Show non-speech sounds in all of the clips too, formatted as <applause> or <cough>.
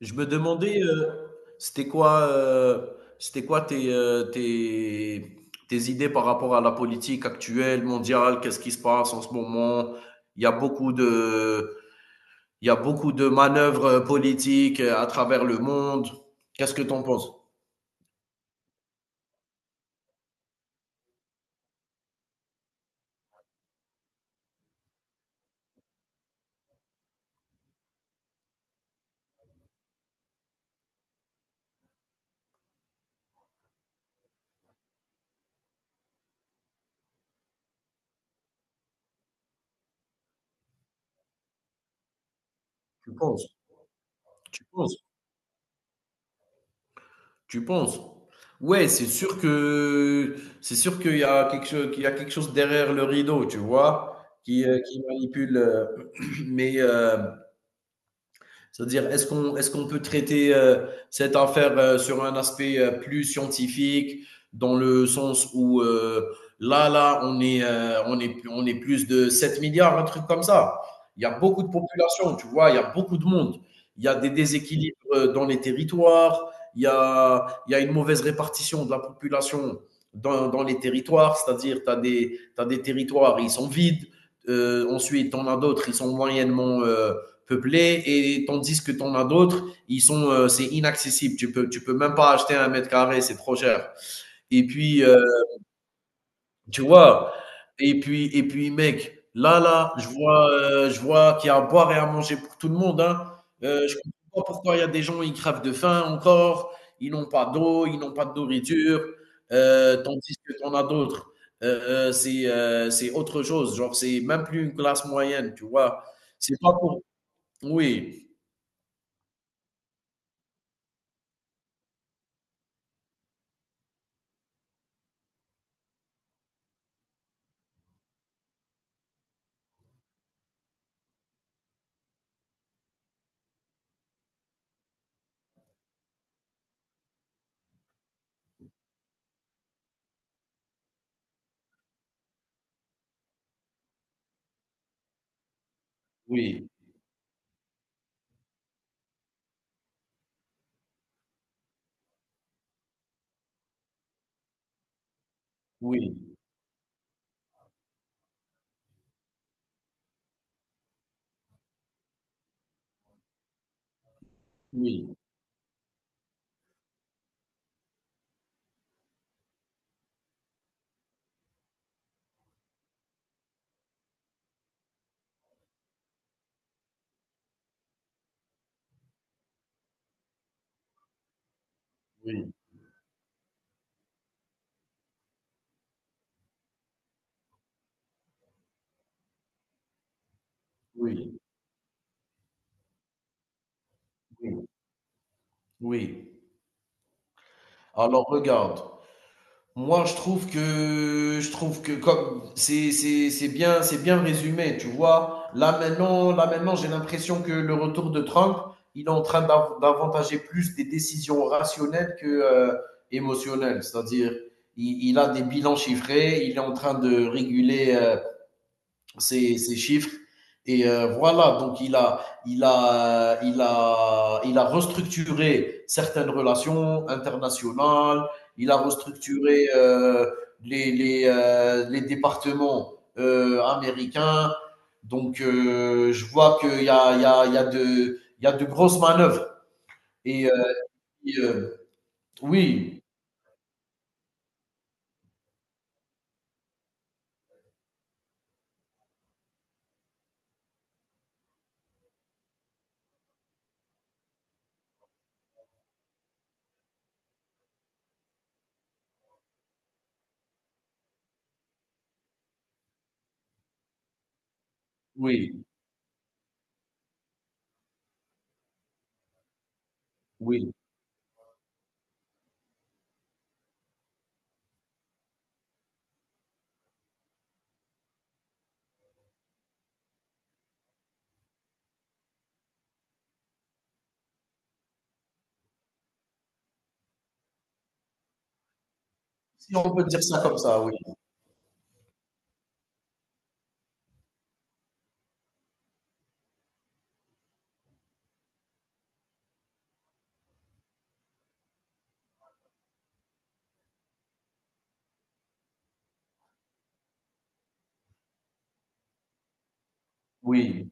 Je me demandais, c'était quoi, heu, c'était quoi tes, tes idées par rapport à la politique actuelle, mondiale? Qu'est-ce qui se passe en ce moment? Il y a beaucoup de il y a beaucoup de manœuvres, politiques, à travers le monde. Qu'est-ce que tu en penses? Tu penses? Tu penses? Tu penses? Ouais, c'est sûr que c'est sûr qu'il y a quelque cho qu'il y a quelque chose derrière le rideau, tu vois? Qui manipule, <clears throat> mais, heu. C'est-à-dire, est-ce qu'on peut traiter cette affaire sur un aspect plus scientifique, dans le sens où on est plus de 7 milliards, un truc comme ça. Il y a beaucoup de population, tu vois, il y a beaucoup de monde. Il y a des déséquilibres dans les territoires, il y a une mauvaise répartition de la population dans les territoires, c'est-à-dire t'as des territoires, ils sont vides. Ensuite, on a d'autres, ils sont moyennement peuplés, et tandis que t'en as d'autres, ils sont, c'est inaccessible. Tu peux même pas acheter un mètre carré, c'est trop cher. Et puis, tu vois, et puis, mec, je vois qu'il y a à boire et à manger pour tout le monde. Hein. Je comprends pas pourquoi il y a des gens ils crèvent de faim encore, ils n'ont pas d'eau, ils n'ont pas de nourriture, tandis que t'en as d'autres. C'est autre chose, genre c'est même plus une classe moyenne, tu vois. C'est pas pour. Oui, oui. Oui, oui, oui, oui, oui, oui. Alors regarde, moi je trouve que comme c'est bien, c'est bien résumé, tu vois. Là maintenant, j'ai l'impression que le retour de Trump, il est en train d'avantager plus des décisions rationnelles que émotionnelles. C'est-à-dire, il a des bilans chiffrés, il est en train de réguler ces chiffres. Et voilà, donc il a restructuré certaines relations internationales. Il a restructuré les départements américains. Donc, je vois qu'il y a, il y a de, il y a de grosses manœuvres. Et, et, euh, oui, oui, oui. Si on peut dire ça comme ça, oui, oui.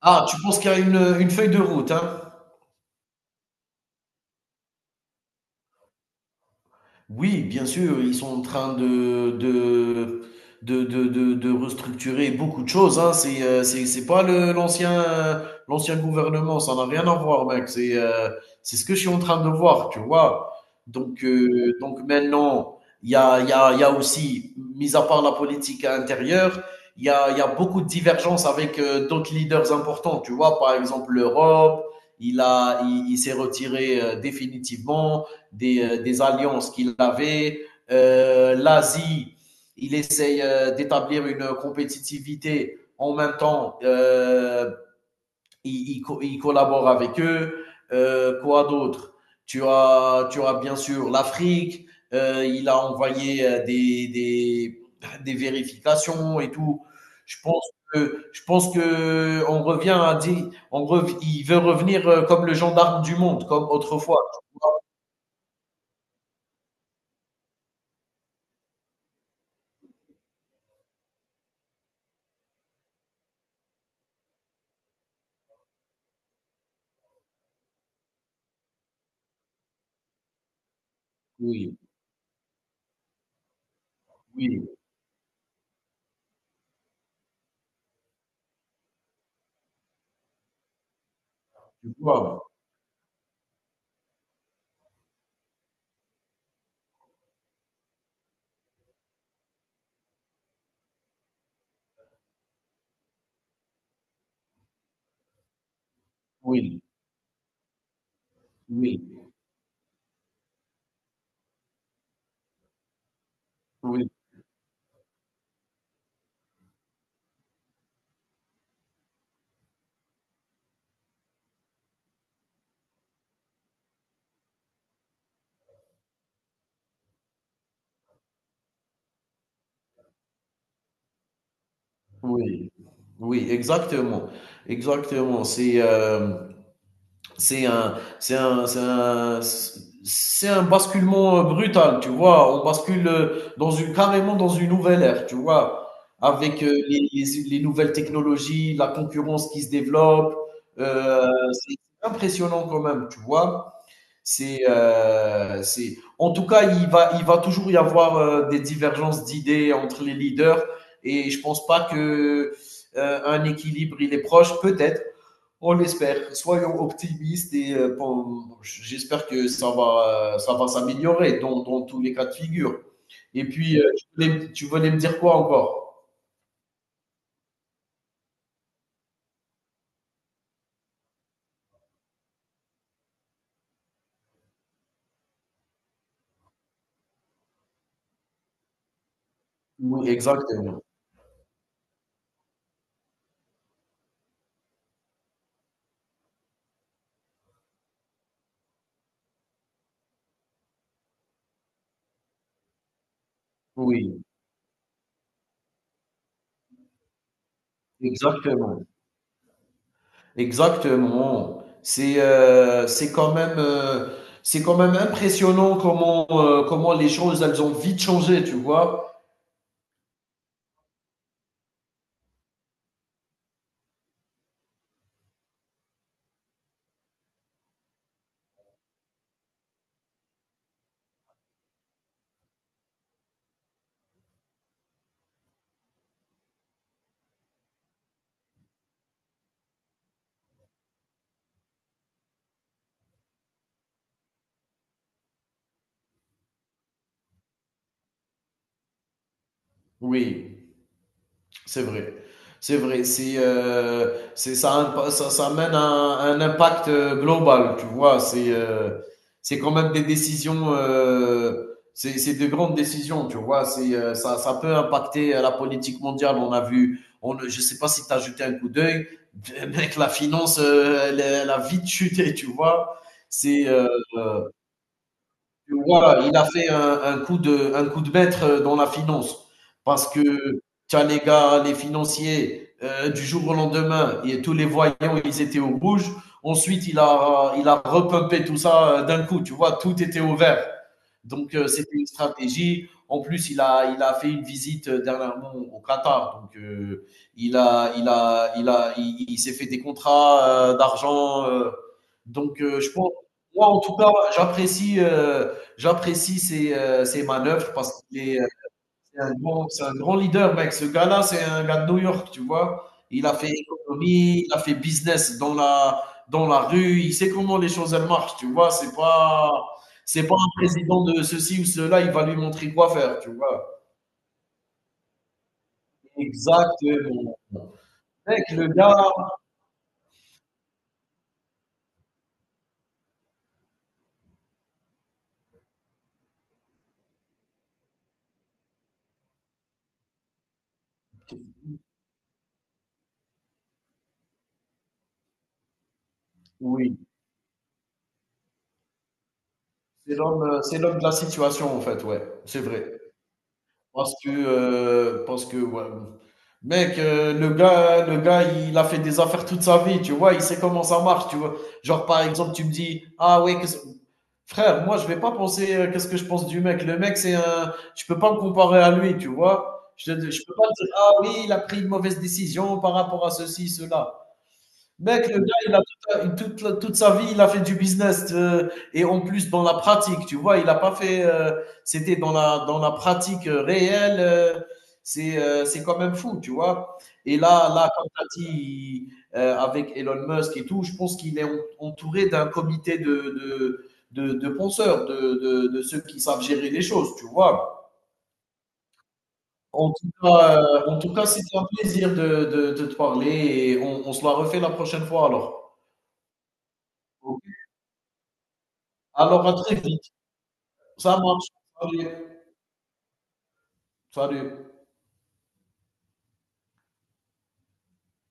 Ah, tu penses qu'il y a une feuille de route, hein? Oui, bien sûr, ils sont en train de restructurer beaucoup de choses, hein. C'est pas le, l'ancien, l'ancien gouvernement, ça n'a rien à voir, mec. C'est ce que je suis en train de voir, tu vois. Donc maintenant, il y a aussi, mis à part la politique intérieure, il y a beaucoup de divergences avec d'autres leaders importants, tu vois. Par exemple, l'Europe, il s'est retiré définitivement des alliances qu'il avait. L'Asie, il essaye d'établir une compétitivité. En même temps, il collabore avec eux. Quoi d'autre. Tu as bien sûr l'Afrique. Il a envoyé vérifications et tout. Je pense je pense que on revient à dire, il veut revenir comme le gendarme du monde, comme autrefois. Oui, oui. Tu. Oui, oui, oui, oui, oui, exactement, exactement. C'est un, c'est un, c'est un, c'est un basculement brutal, tu vois. On bascule dans une, carrément dans une nouvelle ère, tu vois, avec les nouvelles technologies, la concurrence qui se développe. euh, c'est impressionnant quand même, tu vois. En tout cas, il va toujours y avoir des divergences d'idées entre les leaders et je pense pas que un équilibre il est proche. Peut-être, on l'espère. Soyons optimistes et bon, j'espère que ça va s'améliorer dans, dans tous les cas de figure. Et puis, tu voulais me dire quoi encore. Oui, exactement. Oui, exactement. Exactement. C'est quand même impressionnant comment comment les choses elles ont vite changé, tu vois. Oui. C'est vrai. C'est vrai. C'est, ça, a ça amène un impact global, tu vois. C'est quand même des décisions, c'est de grandes décisions, tu vois. Ça peut impacter la politique mondiale. On a vu, on, je sais pas si tu as jeté un coup d'œil. <laughs> Mec, la finance, elle a vite chuté, tu vois. C'est, tu il a fait un coup de maître dans la finance. Parce que tu as les gars, les financiers, du jour au lendemain, et tous les voyants, ils étaient au rouge. Ensuite, il a repumpé tout ça d'un coup. Tu vois, tout était au vert. Donc, c'était une stratégie. En plus, il a fait une visite dernièrement au Qatar. Donc, il s'est fait des contrats d'argent. Je pense, moi en tout cas, j'apprécie euh, j'apprécie ses, ses manœuvres parce qu'il est, c'est un grand leader, mec. Ce gars-là, c'est un gars de New York, tu vois. Il a fait économie, il a fait business dans la rue. Il sait comment les choses, elles marchent, tu vois. C'est pas un président de ceci ou cela, il va lui montrer quoi faire, tu vois. Exactement. Mec, le gars, oui, c'est l'homme de la situation, en fait, ouais. C'est vrai. Parce que ouais, mec, le gars, il a fait des affaires toute sa vie, tu vois? Il sait comment ça marche, tu vois? Genre, par exemple, tu me dis: «Ah ouais, qu'est-ce» frère, moi, je vais pas penser, qu'est-ce que je pense du mec? Le mec, c'est un je peux pas me comparer à lui, tu vois? Je peux pas dire: «Ah oui, il a pris une mauvaise décision par rapport à ceci, cela». Mec, le gars, il a toute sa vie, il a fait du business, et en plus dans la pratique, tu vois, il n'a pas fait. C'était dans la pratique réelle, c'est quand même fou, tu vois. Et là, là comme tu as dit, avec Elon Musk et tout, je pense qu'il est entouré d'un comité de penseurs, de ceux qui savent gérer les choses, tu vois. En tout cas, c'était un plaisir de te parler et on se la refait la prochaine fois alors. Alors, à très vite. Ça marche. Salut. Salut.